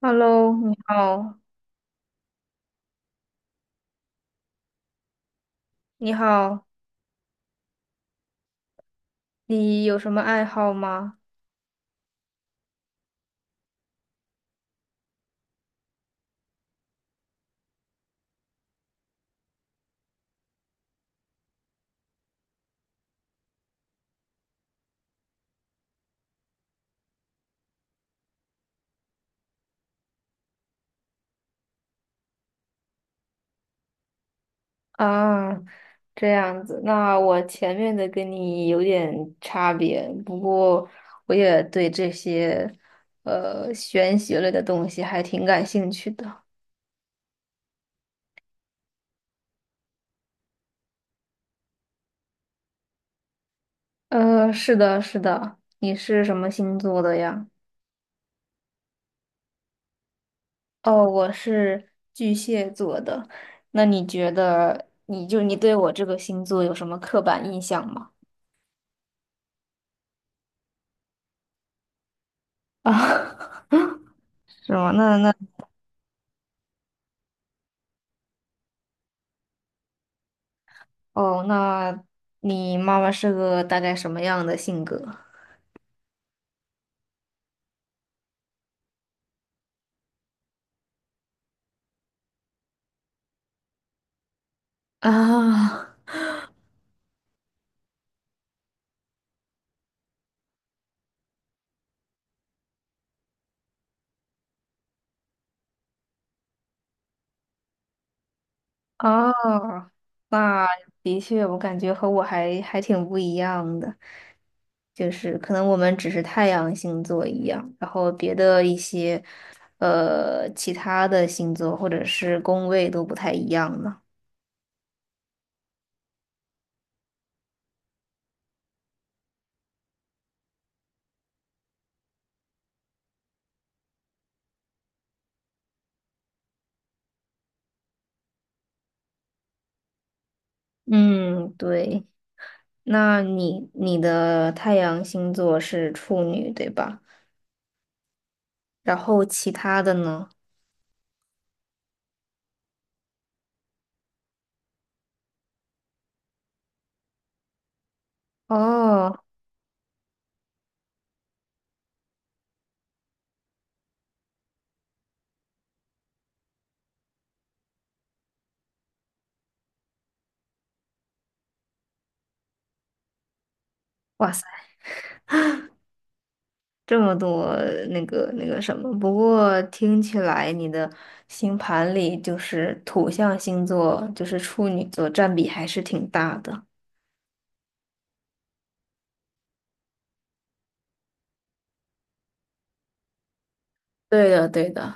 Hello，你好，你好，你有什么爱好吗？啊，这样子，那我前面的跟你有点差别，不过我也对这些玄学类的东西还挺感兴趣的。呃，是的，是的，你是什么星座的呀？哦，我是巨蟹座的。那你觉得，你对我这个星座有什么刻板印象吗？啊，是吗？那哦，那你妈妈是个大概什么样的性格？啊啊，那的确，我感觉和我还挺不一样的，就是可能我们只是太阳星座一样，然后别的一些其他的星座或者是宫位都不太一样了。嗯，对，那你的太阳星座是处女，对吧？然后其他的呢？哦。哇塞。这么多那个什么，不过听起来你的星盘里就是土象星座，就是处女座占比还是挺大的。对的，对的，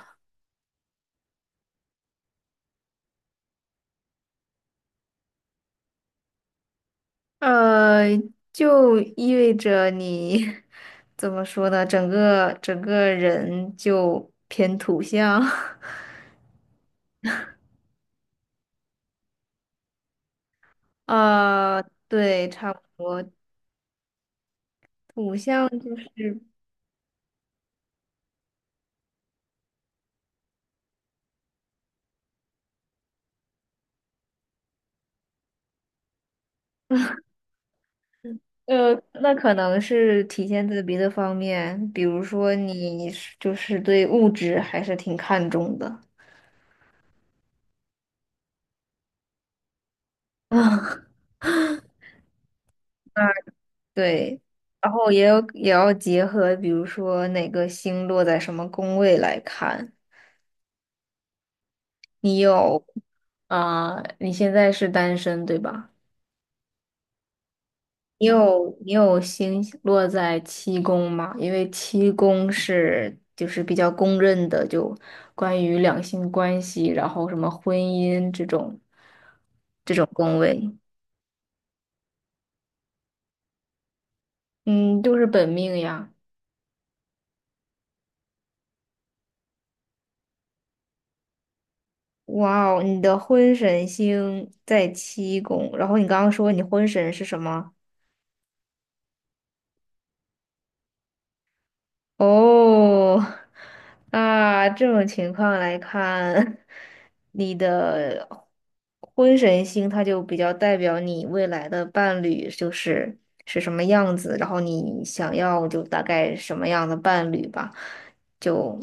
呃，就意味着你 怎么说呢？整个人就偏土象，啊、对，差不多。呃，那可能是体现在别的方面，比如说你是就是对物质还是挺看重的啊，对，然后也要结合，比如说哪个星落在什么宫位来看。你有啊，你现在是单身对吧？你有星落在七宫吗？因为七宫是就是比较公认的，就关于两性关系，然后什么婚姻这种这种宫位，嗯，就是本命呀。哇哦，你的婚神星在七宫，然后你刚刚说你婚神是什么？哦，那这种情况来看，你的婚神星它就比较代表你未来的伴侣就是是什么样子，然后你想要就大概什么样的伴侣吧，就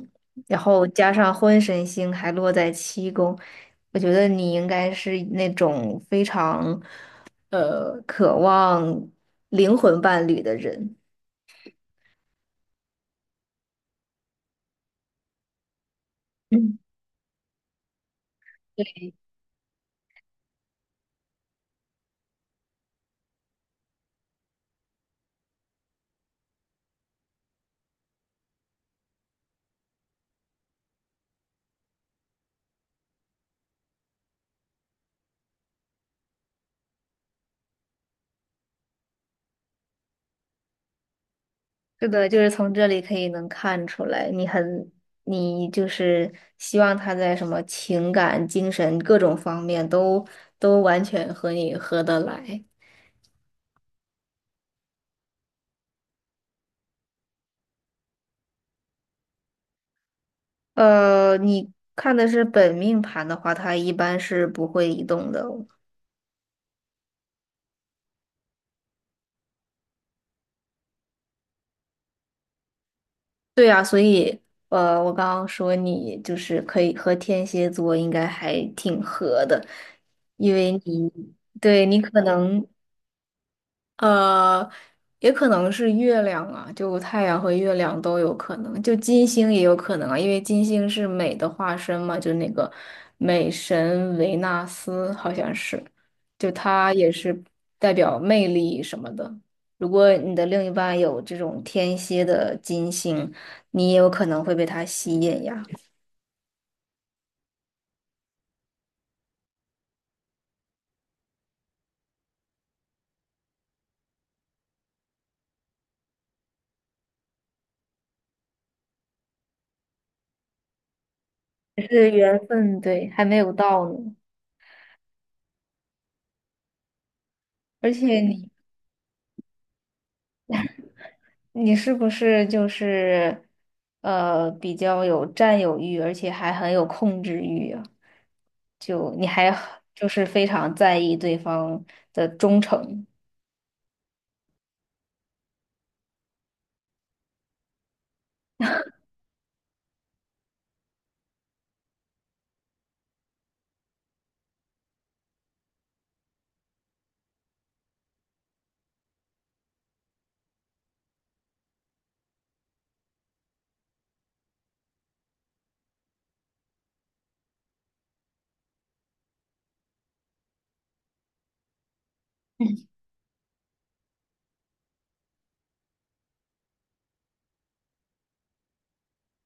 然后加上婚神星还落在七宫，我觉得你应该是那种非常渴望灵魂伴侣的人。是的，就是从这里可以能看出来，你很，你就是希望他在什么情感、精神各种方面都都完全和你合得来。呃，你看的是本命盘的话，它一般是不会移动的哦对啊，所以呃，我刚刚说你就是可以和天蝎座应该还挺合的，因为你对你可能呃，也可能是月亮啊，就太阳和月亮都有可能，就金星也有可能啊，因为金星是美的化身嘛，就那个美神维纳斯好像是，就它也是代表魅力什么的。如果你的另一半有这种天蝎的金星，你也有可能会被它吸引呀。只是缘分，对，还没有到呢。而且你你是不是就是比较有占有欲，而且还很有控制欲啊？就你还就是非常在意对方的忠诚，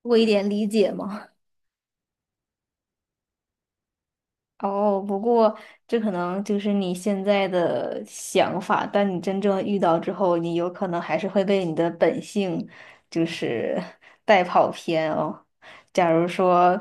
多一点理解吗？哦，不过这可能就是你现在的想法，但你真正遇到之后，你有可能还是会被你的本性就是 带跑偏哦。假如说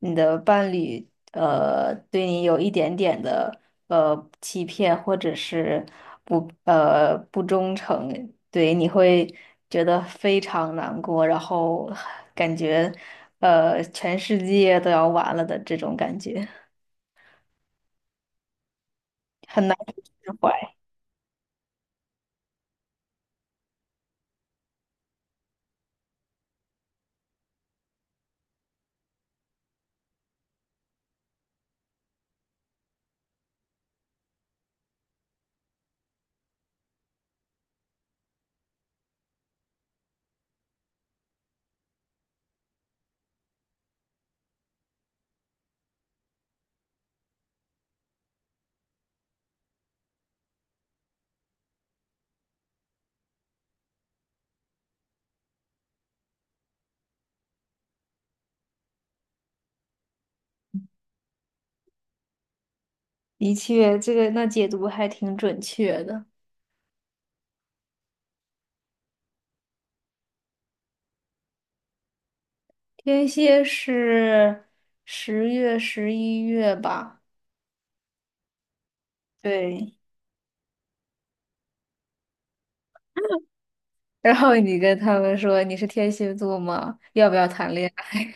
你的伴侣对你有一点点的欺骗或者是不忠诚，对，你会觉得非常难过，然后 感觉全世界都要完了的这种感觉。很难去释怀。的确，这个那解读还挺准确的。天蝎是10月、11月吧？对。然后你跟他们说你是天蝎座吗？要不要谈恋爱？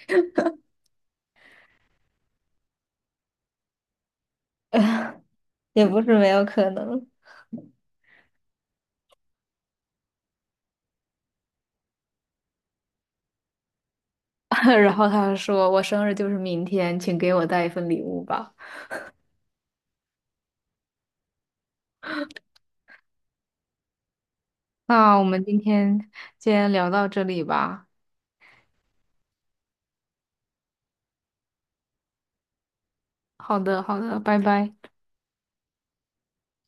也不是没有可能。然后他说我生日就是明天，请给我带一份礼物吧。那我们今天先聊到这里吧。好的，好的，拜拜。